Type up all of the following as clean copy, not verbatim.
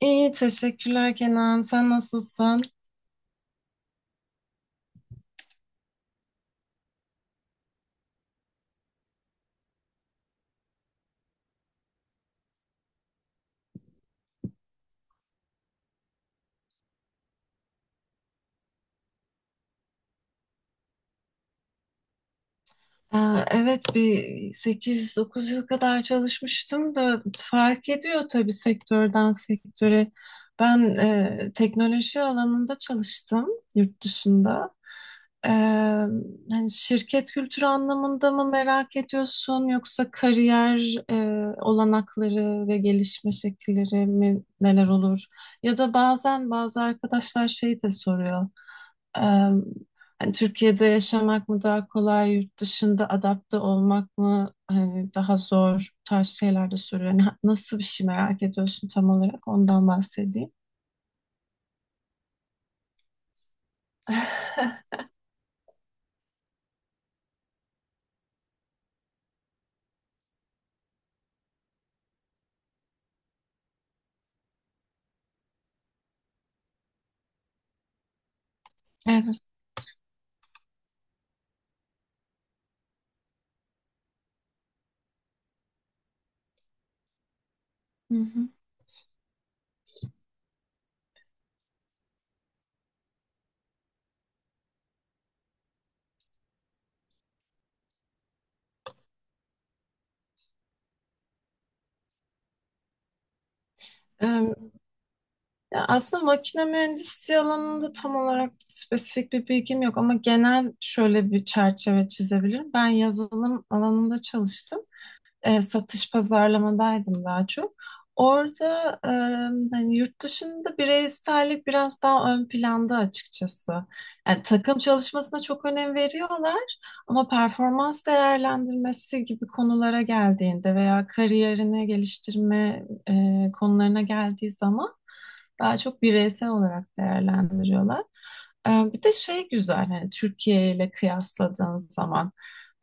İyi, teşekkürler Kenan. Sen nasılsın? Evet bir 8, 9 yıl kadar çalışmıştım da fark ediyor tabii sektörden sektöre. Ben teknoloji alanında çalıştım yurt dışında. E, Hani şirket kültürü anlamında mı merak ediyorsun yoksa kariyer olanakları ve gelişme şekilleri mi neler olur? Ya da bazen bazı arkadaşlar şey de soruyor. Em, Hani Türkiye'de yaşamak mı daha kolay, yurt dışında adapte olmak mı hani daha zor bu tarz şeyler de soruyor. Nasıl bir şey merak ediyorsun tam olarak ondan bahsedeyim. Evet. Hı hı. Em, Ya aslında makine mühendisliği alanında tam olarak spesifik bir bilgim yok ama genel şöyle bir çerçeve çizebilirim. Ben yazılım alanında çalıştım. Satış pazarlamadaydım daha çok. Orada hani yurt dışında bireysellik biraz daha ön planda açıkçası. Yani takım çalışmasına çok önem veriyorlar ama performans değerlendirmesi gibi konulara geldiğinde veya kariyerini geliştirme konularına geldiği zaman daha çok bireysel olarak değerlendiriyorlar. Bir de şey güzel hani Türkiye ile kıyasladığın zaman.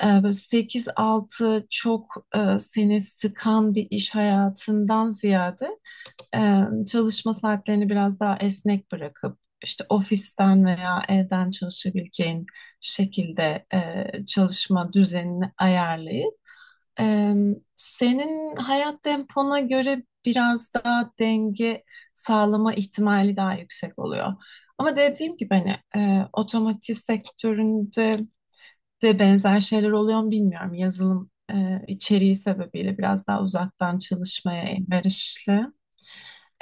Böyle 8-6 çok seni sıkan bir iş hayatından ziyade e, çalışma saatlerini biraz daha esnek bırakıp işte ofisten veya evden çalışabileceğin şekilde çalışma düzenini ayarlayıp e, senin hayat tempona göre biraz daha denge sağlama ihtimali daha yüksek oluyor. Ama dediğim gibi hani otomotiv sektöründe de benzer şeyler oluyor mu bilmiyorum. Yazılım içeriği sebebiyle biraz daha uzaktan çalışmaya elverişli.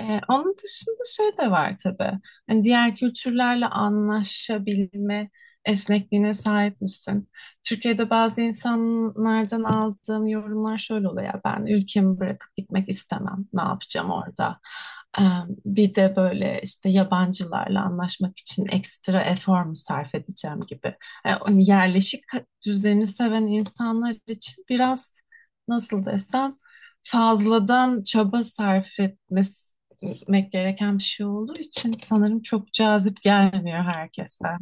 Onun dışında şey de var tabii. Hani diğer kültürlerle anlaşabilme esnekliğine sahip misin? Türkiye'de bazı insanlardan aldığım yorumlar şöyle oluyor. Ya, ben ülkemi bırakıp gitmek istemem. Ne yapacağım orada? Ee, Bir de böyle işte yabancılarla anlaşmak için ekstra efor mu sarf edeceğim gibi. Hani yerleşik düzeni seven insanlar için biraz nasıl desem fazladan çaba sarf etmesi gitmek gereken bir şey olduğu için sanırım çok cazip gelmiyor herkesten.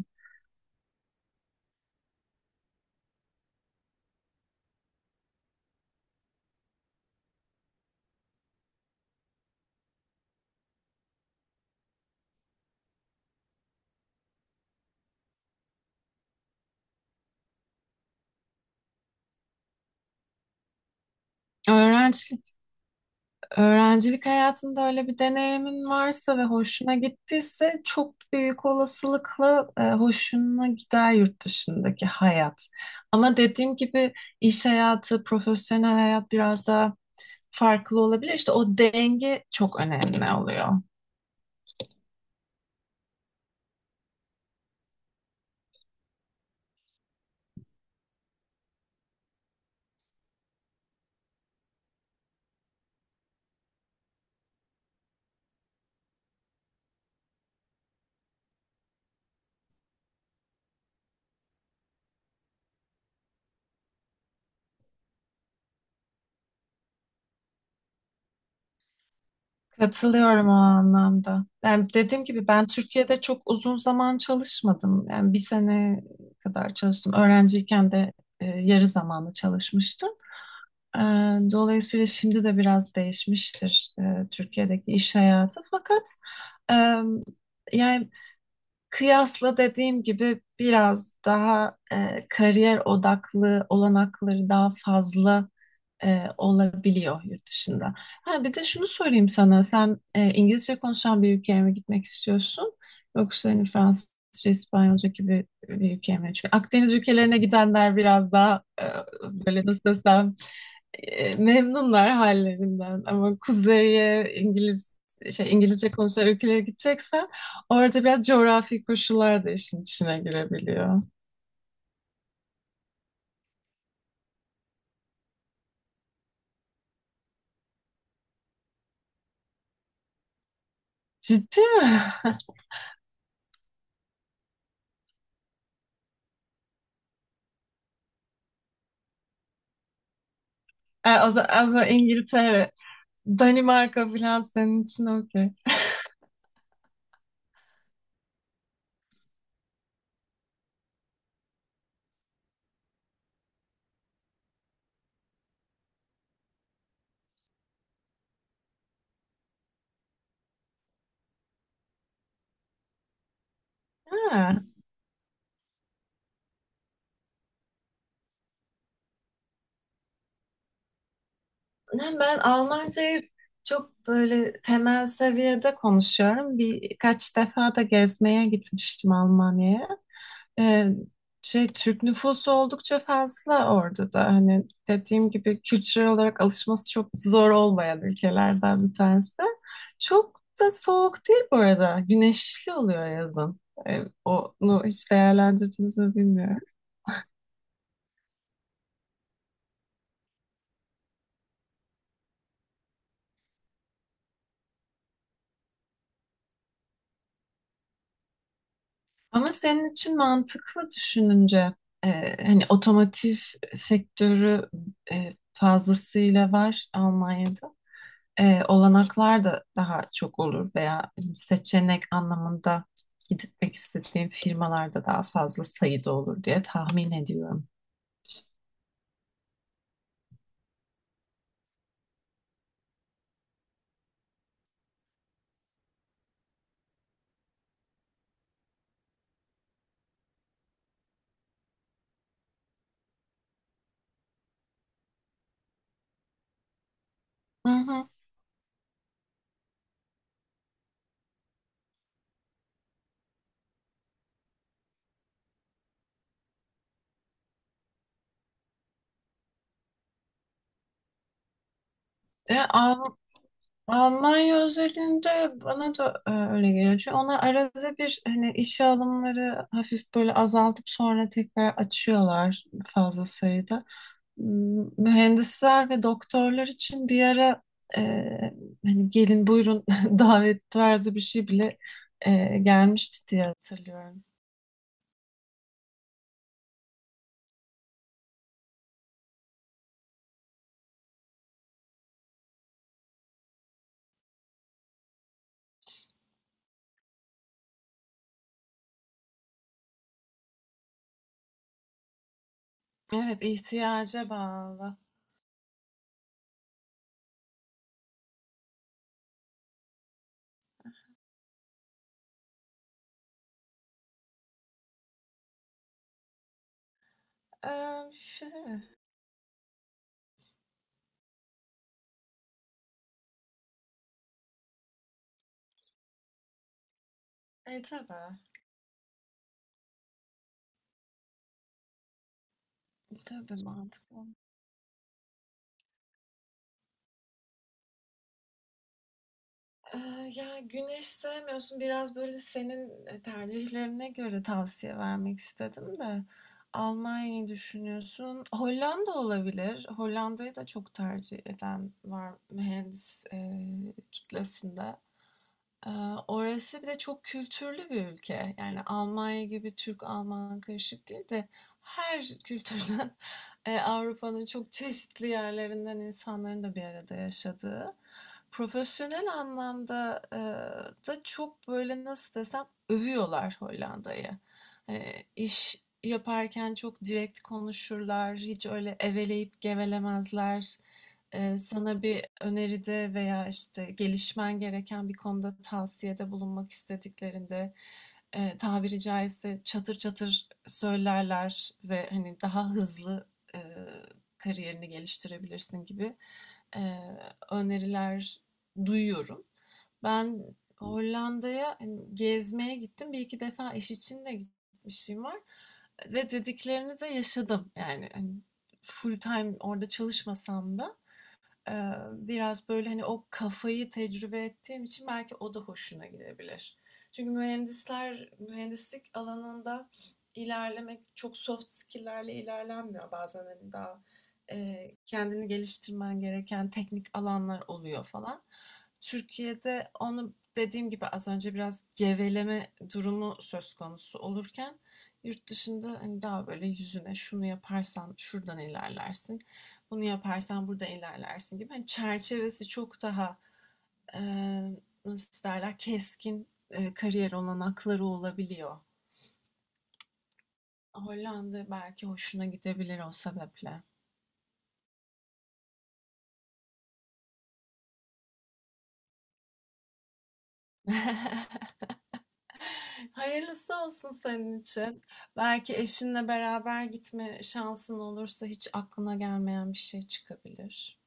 Öğrencilik, Öğrencilik hayatında öyle bir deneyimin varsa ve hoşuna gittiyse çok büyük olasılıkla hoşuna gider yurt dışındaki hayat. Ama dediğim gibi iş hayatı, profesyonel hayat biraz daha farklı olabilir. İşte o denge çok önemli oluyor. Katılıyorum o anlamda. Yani dediğim gibi ben Türkiye'de çok uzun zaman çalışmadım. Yani bir sene kadar çalıştım. Öğrenciyken de yarı zamanlı çalışmıştım. E, Dolayısıyla şimdi de biraz değişmiştir Türkiye'deki iş hayatı. Fakat e, yani kıyasla dediğim gibi biraz daha kariyer odaklı olanakları daha fazla olabiliyor yurt dışında. Ha, bir de şunu sorayım sana. Sen İngilizce konuşan bir ülkeye mi gitmek istiyorsun? Yoksa hani Fransızca, İspanyolca gibi bir ülkeye mi? Çünkü Akdeniz ülkelerine gidenler biraz daha böyle nasıl desem memnunlar hallerinden. Ama kuzeye İngiliz şey İngilizce konuşan ülkelere gideceksen orada biraz coğrafi koşullar da işin içine girebiliyor. Ciddi mi? O zaman İngiltere, Danimarka falan senin için okey. Ha. Yani ben Almancayı çok böyle temel seviyede konuşuyorum. Birkaç defa da gezmeye gitmiştim Almanya'ya. Ee, Şey Türk nüfusu oldukça fazla orada da hani dediğim gibi kültürel olarak alışması çok zor olmayan ülkelerden bir tanesi. Çok da soğuk değil bu arada. Güneşli oluyor yazın. Onu hiç değerlendirdiniz mi bilmiyorum. Ama senin için mantıklı düşününce e, hani otomotiv sektörü fazlasıyla var Almanya'da. Olanaklar da daha çok olur veya hani, seçenek anlamında gitmek istediğim firmalarda daha fazla sayıda olur diye tahmin ediyorum. Hı hı. E, Av- Almanya özelinde bana da öyle geliyor. Çünkü onlar arada bir hani işe alımları hafif böyle azaltıp sonra tekrar açıyorlar fazla sayıda. Mühendisler ve doktorlar için bir ara e, hani gelin buyurun davet tarzı bir şey bile gelmişti diye hatırlıyorum. Evet, ihtiyaca bağlı. E, Şey, tabii. Tabii, mantıklı. Ya, güneş sevmiyorsun. Biraz böyle senin tercihlerine göre tavsiye vermek istedim de. Almanya'yı düşünüyorsun. Hollanda olabilir. Hollanda'yı da çok tercih eden var mühendis kitlesinde. Eee, Orası bir de çok kültürlü bir ülke. Yani Almanya gibi Türk-Alman karışık değil de her kültürden, Avrupa'nın çok çeşitli yerlerinden insanların da bir arada yaşadığı. Profesyonel anlamda da çok böyle nasıl desem övüyorlar Hollanda'yı. İş yaparken çok direkt konuşurlar, hiç öyle eveleyip gevelemezler. Sana bir öneride veya işte gelişmen gereken bir konuda tavsiyede bulunmak istediklerinde tabiri caizse çatır çatır söylerler ve hani daha hızlı eee, kariyerini geliştirebilirsin gibi eee, öneriler duyuyorum. Ben Hollanda'ya hani gezmeye gittim. Bir iki defa iş için de gitmişim var ve dediklerini de yaşadım. Yani hani full time orada çalışmasam da biraz böyle hani o kafayı tecrübe ettiğim için belki o da hoşuna gidebilir. Çünkü mühendisler, mühendislik alanında ilerlemek çok soft skill'lerle ilerlenmiyor. Bazen hani daha kendini geliştirmen gereken teknik alanlar oluyor falan. Türkiye'de onu dediğim gibi az önce biraz geveleme durumu söz konusu olurken yurt dışında hani daha böyle yüzüne şunu yaparsan şuradan ilerlersin. Bunu yaparsan burada ilerlersin gibi. Hani çerçevesi çok daha e, nasıl derler keskin kariyer olanakları olabiliyor. Hollanda belki hoşuna gidebilir o sebeple. Hayırlısı olsun senin için. Belki eşinle beraber gitme şansın olursa hiç aklına gelmeyen bir şey çıkabilir.